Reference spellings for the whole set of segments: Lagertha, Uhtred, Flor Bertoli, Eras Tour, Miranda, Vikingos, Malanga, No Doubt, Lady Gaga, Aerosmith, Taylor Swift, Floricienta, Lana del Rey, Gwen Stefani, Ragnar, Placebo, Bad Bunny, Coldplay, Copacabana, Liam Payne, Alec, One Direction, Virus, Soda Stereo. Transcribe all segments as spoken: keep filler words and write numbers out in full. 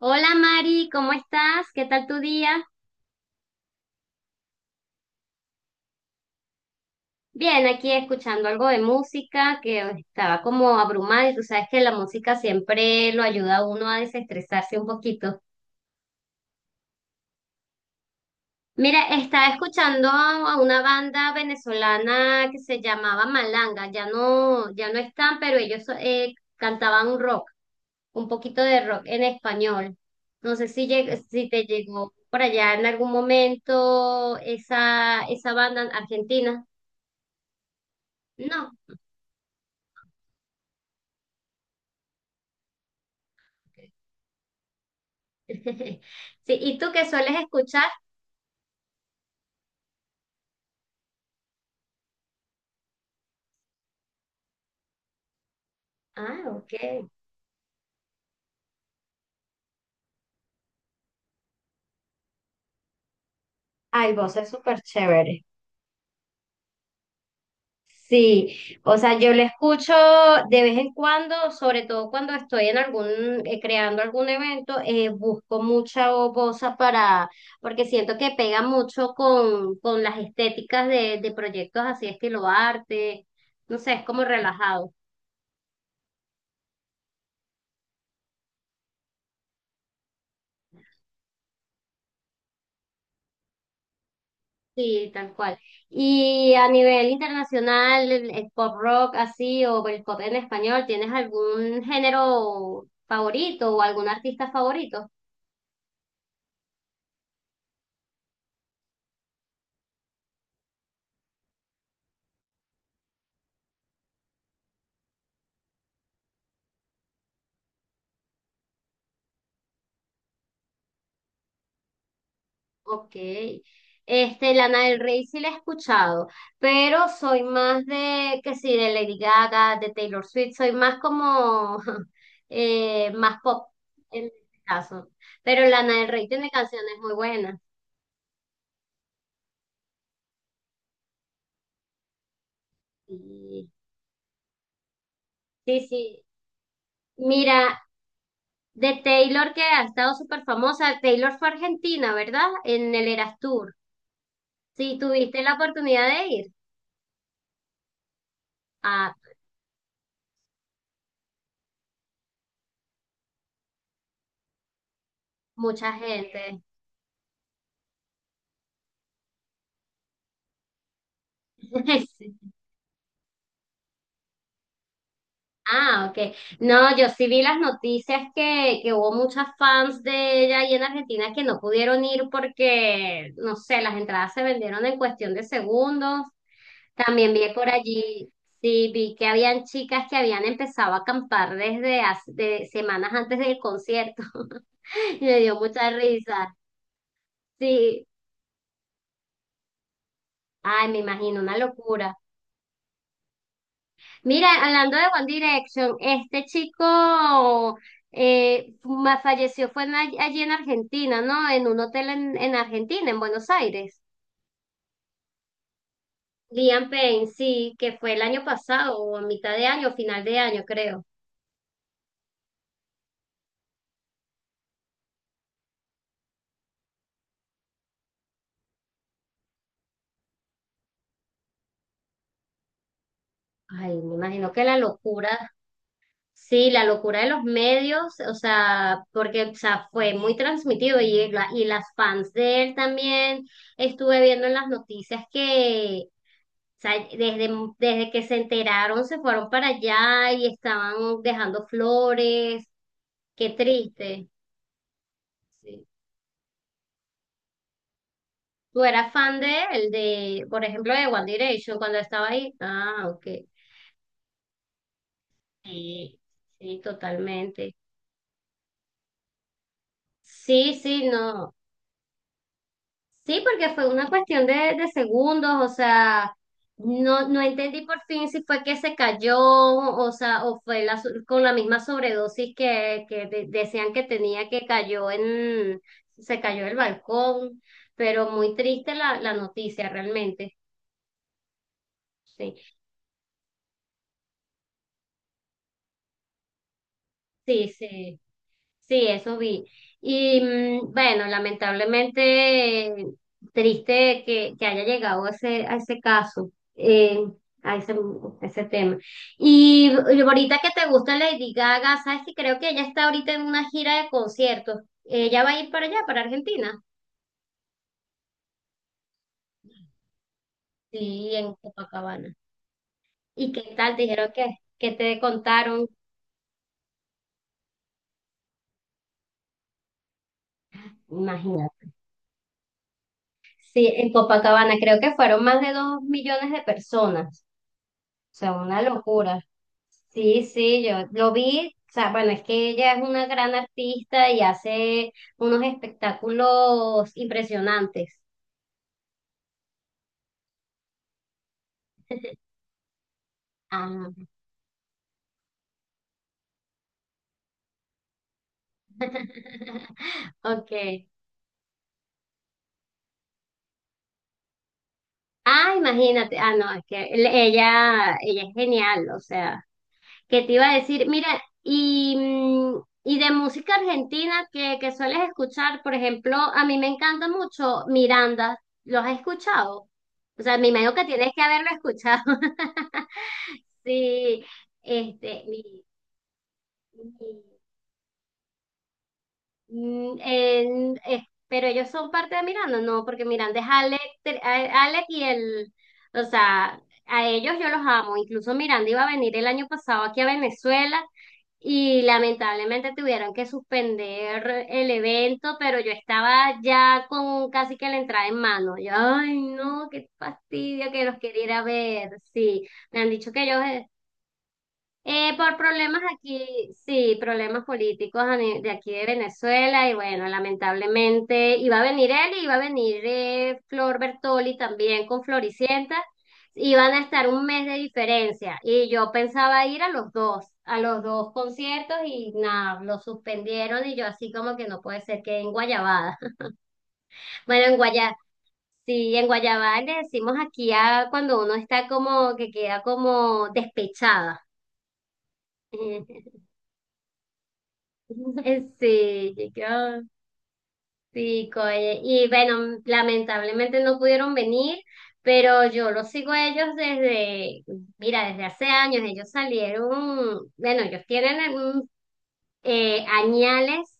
Hola Mari, ¿cómo estás? ¿Qué tal tu día? Bien, aquí escuchando algo de música que estaba como abrumada y tú sabes que la música siempre lo ayuda a uno a desestresarse un poquito. Mira, estaba escuchando a una banda venezolana que se llamaba Malanga, ya no, ya no están, pero ellos eh, cantaban un rock, un poquito de rock en español. No sé si, lleg- si te llegó por allá en algún momento esa, esa banda argentina. No. Sí, ¿y tú qué sueles escuchar? Ah, ok. Ay, vos es súper chévere. Sí, o sea, yo lo escucho de vez en cuando, sobre todo cuando estoy en algún, eh, creando algún evento, eh, busco mucha bosa para, porque siento que pega mucho con, con las estéticas de, de proyectos así estilo arte, no sé, es como relajado. Sí, tal cual. Y a nivel internacional, el, el pop rock así o el pop en español, ¿tienes algún género favorito o algún artista favorito? Ok. Este, Lana del Rey sí la he escuchado, pero soy más de, que sí, de Lady Gaga, de Taylor Swift, soy más como, eh, más pop en este caso. Pero Lana del Rey tiene canciones muy buenas. Sí, sí, sí. Mira, de Taylor, que ha estado súper famosa. Taylor fue a Argentina, ¿verdad? En el Eras Tour. Sí, tuviste la oportunidad de ir. Ah, mucha gente. Sí. Ah, ok. No, yo sí vi las noticias que, que hubo muchas fans de ella ahí en Argentina que no pudieron ir porque, no sé, las entradas se vendieron en cuestión de segundos. También vi por allí, sí, vi que habían chicas que habían empezado a acampar desde hace- de semanas antes del concierto. Y me dio mucha risa. Sí, ay, me imagino, una locura. Mira, hablando de One Direction, este chico eh, ma- falleció, fue en all- allí en Argentina, ¿no? En un hotel en, en Argentina, en Buenos Aires. Liam Payne, sí, que fue el año pasado, o a mitad de año, final de año, creo. Ay, me imagino que la locura. Sí, la locura de los medios, o sea, porque o sea, fue muy transmitido y, la- y las fans de él también estuve viendo en las noticias que, o sea, desde, desde, que se enteraron se fueron para allá y estaban dejando flores, qué triste. Sí. ¿Tú eras fan de él, de, por ejemplo, de One Direction cuando estaba ahí? Ah, ok. Sí, sí, totalmente. Sí, sí, no. Sí, porque fue una cuestión de, de segundos, o sea, no, no entendí por fin si fue que se cayó, o sea, o fue la, so- con la misma sobredosis que, que de- decían que tenía que cayó en, se cayó del balcón, pero muy triste la, la noticia realmente. Sí, sí, sí. Sí, eso vi. Y mm, bueno, lamentablemente eh, triste que, que haya llegado a ese, a ese caso, eh, a ese, a ese tema. Y, y ahorita que te gusta Lady Gaga, sabes que creo que ella está ahorita en una gira de conciertos. Ella va a ir para allá, para Argentina. Sí, en Copacabana. ¿Y qué tal? Dijeron que, que te contaron. Imagínate. Sí, en Copacabana creo que fueron más de dos millones de personas. O sea, una locura. Sí, sí, yo lo vi, o sea, bueno, es que ella es una gran artista y hace unos espectáculos impresionantes. Ah, ok. Ah, imagínate, ah, no, es que el- ella, ella es genial, o sea, ¿qué te iba a decir? Mira, y, mm, y de música argentina que, que sueles escuchar, por ejemplo, a mí me encanta mucho Miranda, ¿los has escuchado? O sea, me imagino que tienes que haberlo escuchado. Sí, este, mi, mi- mm, en- eh, pero ellos son parte de Miranda, no, porque Miranda es Alec, Tre- a- Alec y el, o sea, a ellos yo los amo. Incluso Miranda iba a venir el año pasado aquí a Venezuela y lamentablemente tuvieron que suspender el evento, pero yo estaba ya con casi que la entrada en mano. Yo, ay, no, qué fastidio que los quería ir a ver. Sí, me han dicho que ellos eh, eh, por problemas aquí, sí, problemas políticos a ni- de aquí de Venezuela y bueno, lamentablemente iba a venir él y iba a venir eh, Flor Bertoli también con Floricienta, iban a estar un mes de diferencia y yo pensaba ir a los dos, a los dos conciertos y nada, lo suspendieron y yo así como que no puede ser que en Guayabada, bueno, en Guaya. Sí, en Guayabal le decimos aquí a cuando uno está como que queda como despechada. Sí, yo sí, oye. Y bueno, lamentablemente no pudieron venir, pero yo los sigo a ellos desde, mira, desde hace años. Ellos salieron, bueno, ellos tienen mm, eh, añales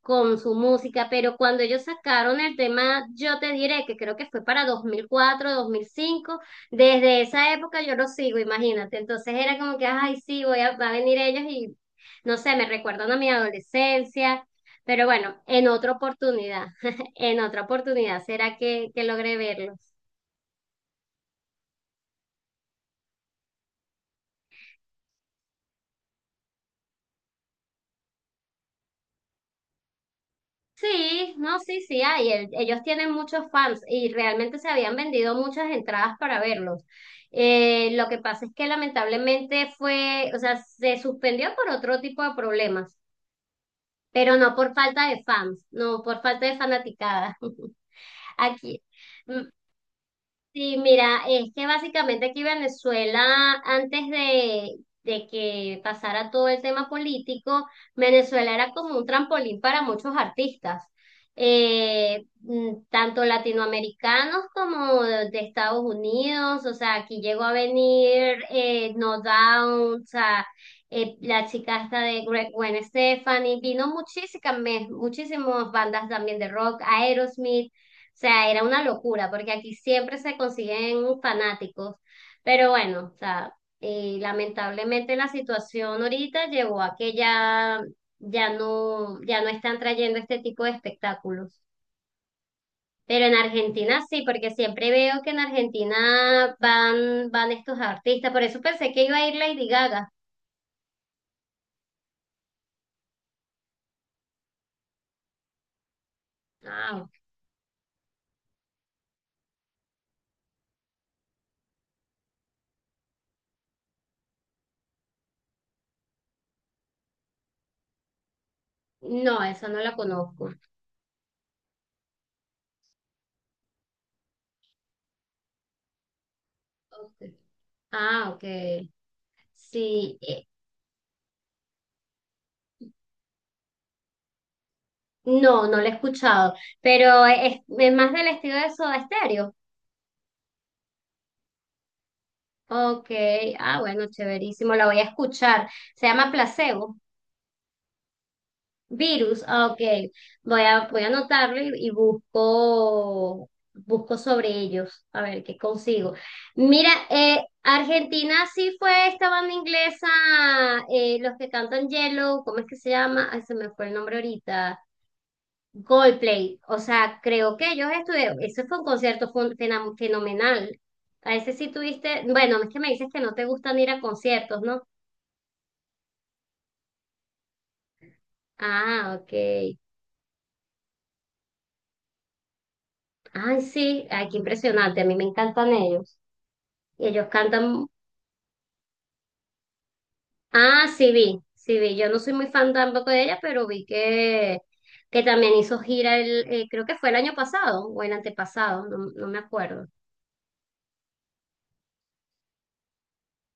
con su música, pero cuando ellos sacaron el tema, yo te diré que creo que fue para dos dos mil cuatro, dos mil cinco. Desde esa época yo los sigo, imagínate. Entonces era como que, ay, sí, voy a, va a venir ellos y no sé, me recuerdan a mi adolescencia, pero bueno, en otra oportunidad, en otra oportunidad será que, que logré verlos. Sí, no, sí, sí hay. el- Ellos tienen muchos fans y realmente se habían vendido muchas entradas para verlos. Eh, lo que pasa es que lamentablemente fue, o sea, se suspendió por otro tipo de problemas, pero no por falta de fans, no por falta de fanaticada. Aquí. mm, Sí, mira, es que básicamente aquí Venezuela, antes de, de que pasara todo el tema político, Venezuela era como un trampolín para muchos artistas, eh, mm, tanto latinoamericanos como de, de Estados Unidos, o sea, aquí llegó a venir eh, No Doubt, o sea, eh, la chica esta de Gre- Gwen Stefani, vino muchísimas, muchísimas bandas también de rock, Aerosmith. O sea, era una locura, porque aquí siempre se consiguen fanáticos. Pero bueno, o sea, eh, lamentablemente la situación ahorita llevó a que ya, ya no, ya no están trayendo este tipo de espectáculos. Pero en Argentina sí, porque siempre veo que en Argentina van, van estos artistas. Por eso pensé que iba a ir Lady Gaga. Ah, ok. No, esa no la conozco. Ok. Ah, ok. Sí, eh, no, no lo he escuchado, pero es, es más del estilo de Soda Stereo. Ok, ah, bueno, chéverísimo, la voy a escuchar. Se llama Placebo. Virus, ah, ok. Voy a, voy a anotarlo y, y busco, busco sobre ellos, a ver qué consigo. Mira, eh, Argentina sí fue esta banda inglesa, eh, los que cantan Yellow, ¿cómo es que se llama? Ay, se me fue el nombre ahorita. Coldplay, o sea, creo que ellos estuvieron, ese fue un concierto fun- fena- fenomenal. A ese sí tuviste, bueno, es que me dices que no te gustan ir a conciertos, ¿no? Ah, ok. Ay, sí, ay, qué impresionante, a mí me encantan ellos. Y ellos cantan, ah, sí vi, sí vi, yo no soy muy fan tampoco de ella, pero vi que, que también hizo gira el, eh, creo que fue el año pasado o el antepasado, no, no me acuerdo.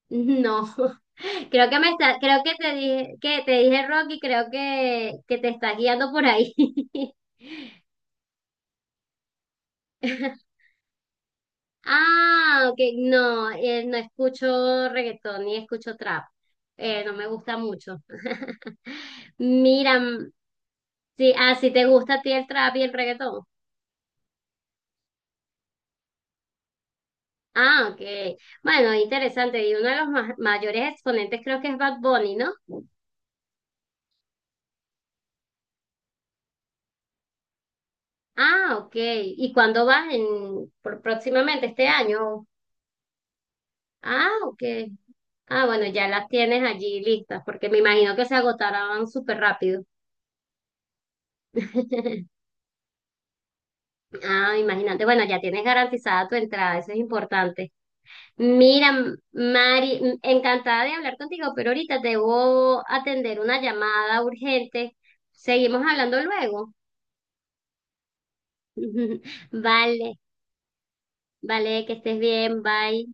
No, creo que me está, creo que te dije, que te dije Rocky, creo que, que te estás guiando por ahí. Ah, ok, no, eh, no escucho reggaetón ni escucho trap. Eh, no me gusta mucho. Mira, mm, sí, ah, si te gusta a ti el trap y el reggaetón. Ah, ok. Bueno, interesante. Y uno de los ma- mayores exponentes creo que es Bad Bunny, ¿no? Ah, ok. ¿Y cuándo vas en, por- próximamente este año? Ah, ok. Ah, bueno, ya las tienes allí listas, porque me imagino que se agotarán súper rápido. Ah, imagínate. Bueno, ya tienes garantizada tu entrada, eso es importante. Mira, M- Mari, m- encantada de hablar contigo, pero ahorita debo atender una llamada urgente. Seguimos hablando luego. Vale, vale, que estés bien, bye.